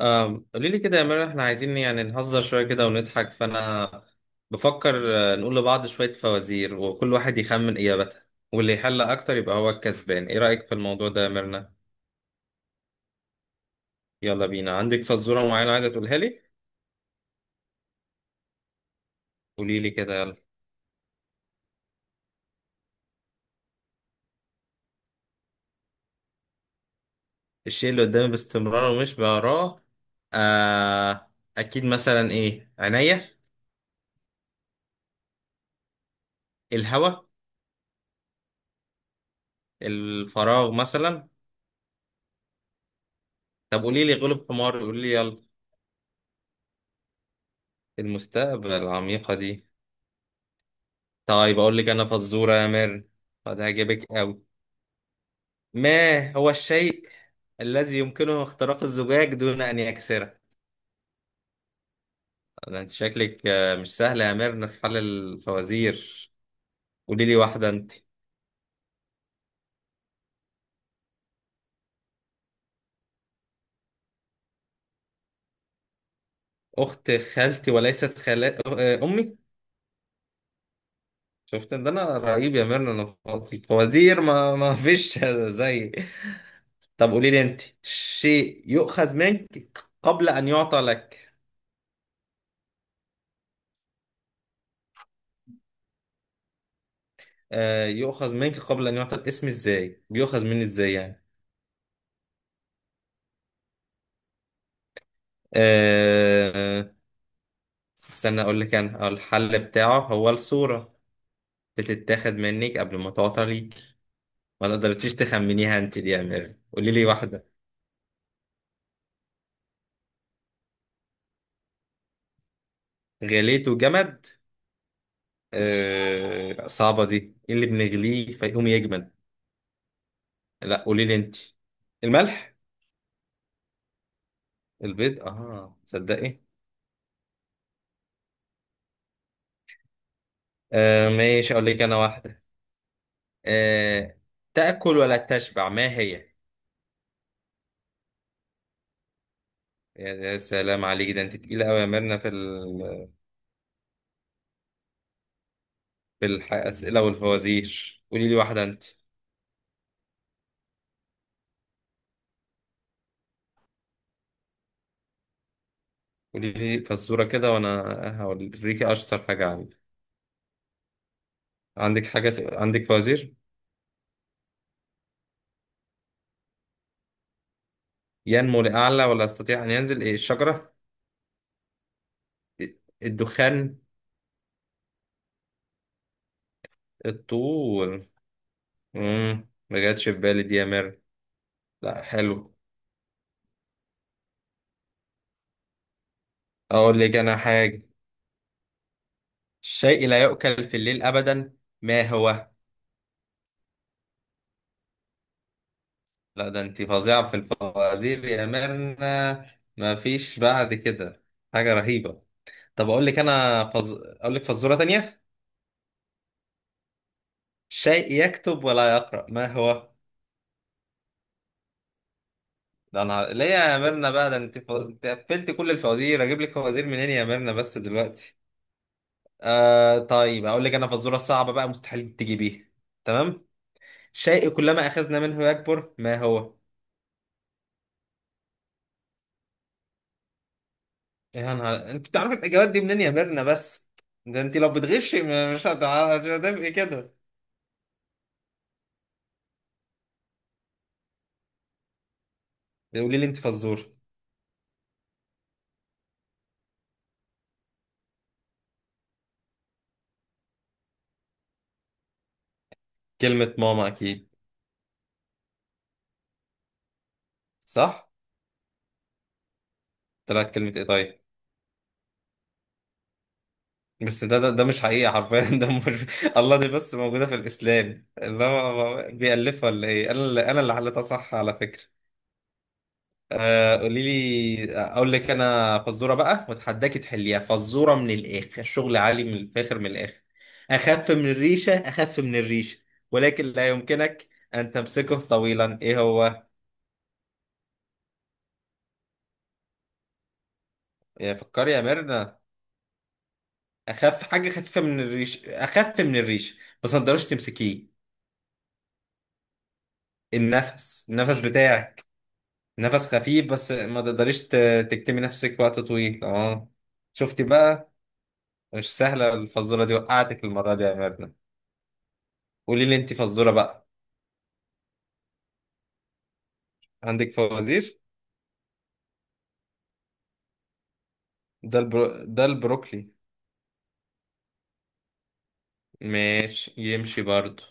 قولي لي كده يا مرة، احنا عايزين يعني نهزر شوية كده ونضحك، فأنا بفكر نقول لبعض شوية فوازير وكل واحد يخمن إجابتها، واللي يحل أكتر يبقى هو الكسبان. إيه رأيك في الموضوع ده يا ميرنا؟ يلا بينا. عندك فزورة معينة عايزة تقولها لي؟ قولي لي كده يلا. الشيء اللي قدامي باستمرار ومش بقراه؟ آه. أكيد مثلا إيه؟ عينيا؟ الهوا؟ الفراغ مثلا؟ طب قولي لي، غلب حمار، قولي لي يلا. المستقبل؟ العميقة دي. طيب أقول لك أنا فزورة يا مير، قد هجيبك أوي. ما هو الشيء الذي يمكنه اختراق الزجاج دون أن يكسره؟ أنت شكلك مش سهلة يا مير في حل الفوازير. قولي لي واحدة أنت. أخت خالتي وليست خالات، أمي. شفت إن ده؟ أنا رهيب يا مير، أنا في الفوازير ما فيش زي. طب قولي لي أنت، شيء يؤخذ منك قبل أن يعطى لك. يؤخذ منك قبل أن يعطى، الاسم إزاي بيؤخذ مني، إزاي يعني؟ أه استنى اقول لك انا، الحل بتاعه هو الصورة، بتتاخد منك قبل ما تعطى ليك. ما تقدرتيش تخمنيها انت دي يا امير. قولي لي واحدة. غليته جمد؟ أه صعبة دي، ايه اللي بنغليه فيقوم يجمد؟ لا قولي لي انت. الملح؟ البيض؟ اه تصدقي. أه ماشي، اقول لك انا واحدة. أه، تأكل ولا تشبع، ما هي؟ يا سلام عليك، ده انت تقيلة قوي يا ميرنا في بالأسئلة والفوازير. قولي لي واحدة أنت. قولي لي فزورة كده، وأنا هوريك أشطر حاجة عندي. عندك حاجة، عندك فوازير؟ ينمو لأعلى ولا يستطيع أن ينزل، إيه؟ الشجرة؟ إيه؟ الدخان؟ الطول. مم، ما جاتش في بالي دي يا مير. لا حلو. أقول لك أنا حاجة. الشيء لا يؤكل في الليل أبدا، ما هو؟ لا ده أنت فظيعة في الفوازير يا ميرنا، ما فيش بعد كده، حاجة رهيبة. طب اقول لك انا اقول لك فزوره تانية. شيء يكتب ولا يقرا، ما هو؟ ده انا ليه يا ميرنا بقى، ده انت انت قفلت كل الفوازير، اجيب لك فوازير منين يا ميرنا بس دلوقتي؟ آه طيب اقول لك انا فزوره صعبه بقى، مستحيل تجيبيها. تمام. شيء كلما اخذنا منه يكبر، ما هو؟ يا نهار، انت بتعرف الاجابات دي منين يا ميرنا بس؟ ده انت لو بتغشي مش مش هتبقي كده. قولي لي انت فزور. كلمه ماما اكيد. صح؟ طلعت كلمه ايه طيب؟ بس ده ده مش حقيقة حرفيا ده مش الله، دي بس موجودة في الإسلام، اللي هو بيألفها ولا إيه، أنا اللي حليتها صح على فكرة. قولي لي، أقول لك أنا فزورة بقى وأتحداكي تحليها. فزورة من الآخر، شغل عالي من الفاخر، من الآخر. أخف من الريشة، أخف من الريشة، ولكن لا يمكنك أن تمسكه طويلا، إيه هو؟ يا فكري يا ميرنا، أخف حاجة، خفيفة من الريش، أخف من الريش، بس ما تقدرش تمسكيه. النفس، النفس بتاعك، نفس خفيف بس ما تقدريش تكتمي نفسك وقت طويل، اه. شفتي بقى؟ مش سهلة الفزورة دي، وقعتك المرة دي يا ميرنا. قولي لي انت فزورة بقى. عندك فوازير؟ ده ده البروكلي. ماشي، يمشي برضو.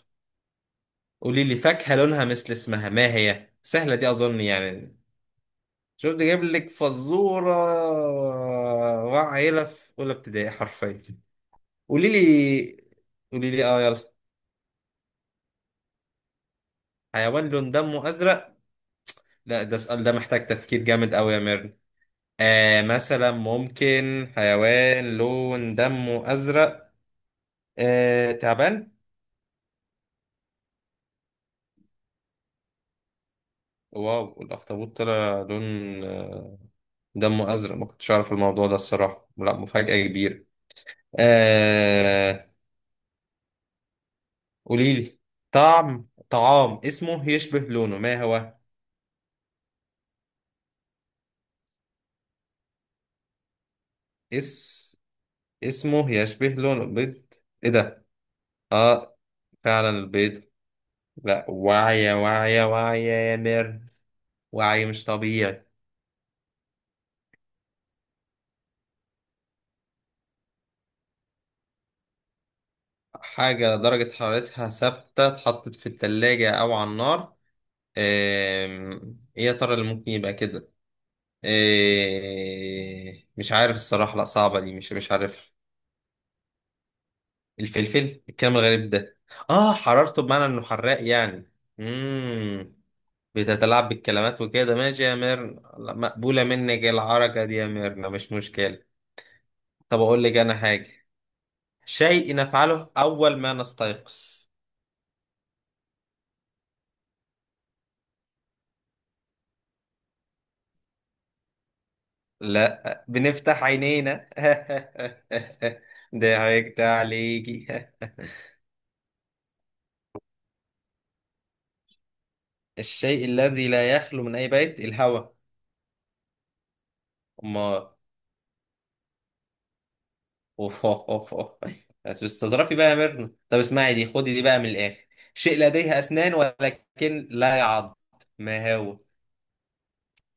قولي لي فاكهة لونها مثل اسمها، ما هي؟ سهلة دي أظن يعني. شفت، جايب لك فزورة وعيلة في أولى ابتدائي حرفيا. قولي لي، قولي لي اه يلا. حيوان لون دمه أزرق؟ لا ده السؤال ده محتاج تفكير جامد قوي يا ميرن. آه مثلا، ممكن حيوان لون دمه أزرق؟ آه، تعبان؟ واو، الأخطبوط طلع لون آه، دمه أزرق؟ ما كنتش أعرف الموضوع ده الصراحة، لا مفاجأة كبيرة. آه، قوليلي. طعم طعام اسمه يشبه لونه، ما هو؟ اس اسمه يشبه لونه، بيض؟ ايه ده؟ اه، فعلا البيض. لا واعية، واعية، واعية يا ميرن، وعي مش طبيعي. حاجة درجة حرارتها ثابتة، اتحطت في التلاجة أو على النار؟ إيه يا ترى اللي ممكن يبقى كده؟ مش عارف الصراحة، لأ صعبة دي، مش عارف. الفلفل؟ الكلام الغريب ده، آه، حرارته بمعنى إنه حراق يعني. مم. بتتلاعب بالكلمات وكده، ماشي يا ميرنا، لأ، مقبولة منك العركة دي يا ميرنا، مش مشكلة. طب أقول لك أنا حاجة. شيء نفعله أول ما نستيقظ؟ لا، بنفتح عينينا ضحكت عليكي. الشيء الذي لا يخلو من أي بيت، الهواء؟ أما. أوه أوه أوه أوه. تستظرفي بقى يا ميرنا. طب اسمعي دي، خدي دي بقى من الآخر. شيء لديه أسنان ولكن لا يعض، ما هو؟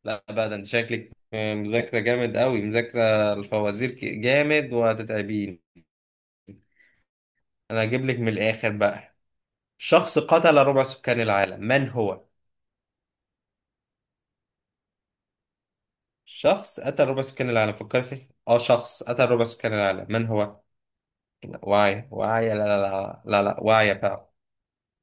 لا بقى، ده انت شكلك مذاكرة جامد قوي، مذاكرة الفوازير جامد وهتتعبين. أنا هجيب لك من الآخر بقى. شخص قتل ربع سكان العالم، من هو؟ شخص أتى ربع سكان العالم، فكر فيه. اه، شخص أتى ربع سكان العالم من هو؟ واعية، واعية، لا لا لا لا لا، واعية فعلا.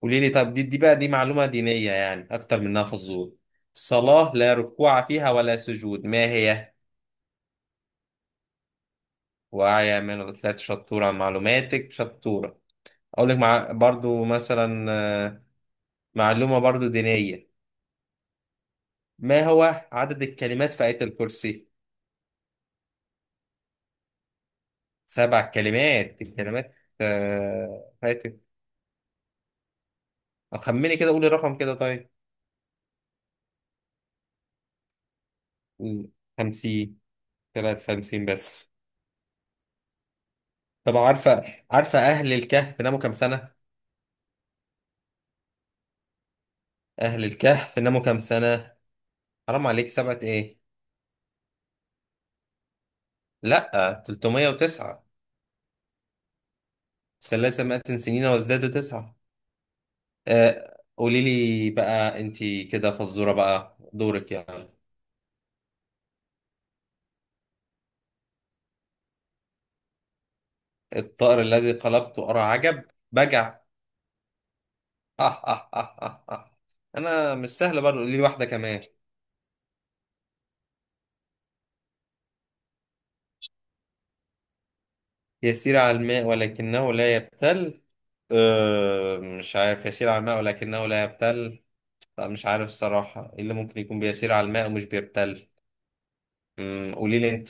قولي لي، طب دي بقى، دي معلومة دينية يعني أكتر منها فزور. صلاة لا ركوع فيها ولا سجود، ما هي؟ واعية من الأثلات، شطورة، معلوماتك شطورة. أقول لك مع برضو مثلا، آه، معلومة برضو دينية. ما هو عدد الكلمات في آية الكرسي؟ سبع كلمات، الكلمات في آية. خمني كده، قولي رقم كده طيب. 50؟ طلعت 50 بس. طب عارفة أهل الكهف ناموا كام سنة؟ أهل الكهف ناموا كام سنة؟ حرام عليك، سبعة إيه؟ لأ 309. ثلاثة مئة سنين وازدادوا تسعة. آه قولي لي بقى، أنتي كده فزورة بقى، دورك يعني. الطائر الذي قلبته أرى عجب، بجع. أه أه أه أه أه. أنا مش سهل برضه، قولي لي واحدة كمان. يسير على الماء ولكنه لا يبتل؟ أه مش عارف، يسير على الماء ولكنه لا يبتل، لا مش عارف الصراحة، ايه اللي ممكن يكون بيسير على الماء ومش بيبتل؟ قولي لي انت.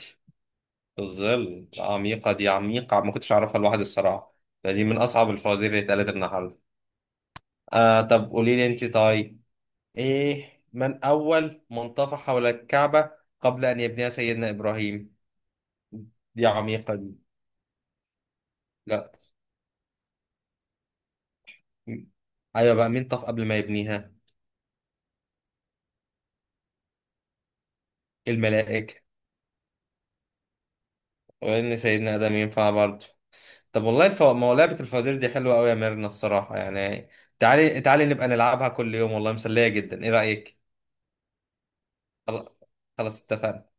الظل؟ عميقة دي، عميقة، ما كنتش اعرفها لوحدي الصراحة. ده دي من اصعب الفوازير اللي اتقالت النهاردة. آه طب قولي لي انت طيب. ايه من اول من طاف حول الكعبة قبل ان يبنيها سيدنا ابراهيم؟ دي عميقة دي. لا. م- ايوه بقى، مين طاف قبل ما يبنيها؟ الملائكة؟ وان سيدنا ادم ينفع برضه. طب والله ما هو لعبه الفوازير دي حلوه قوي يا ميرنا الصراحه يعني. تعالي تعالي نبقى نلعبها كل يوم، والله مسليه جدا، ايه رايك؟ خل- خلاص اتفقنا.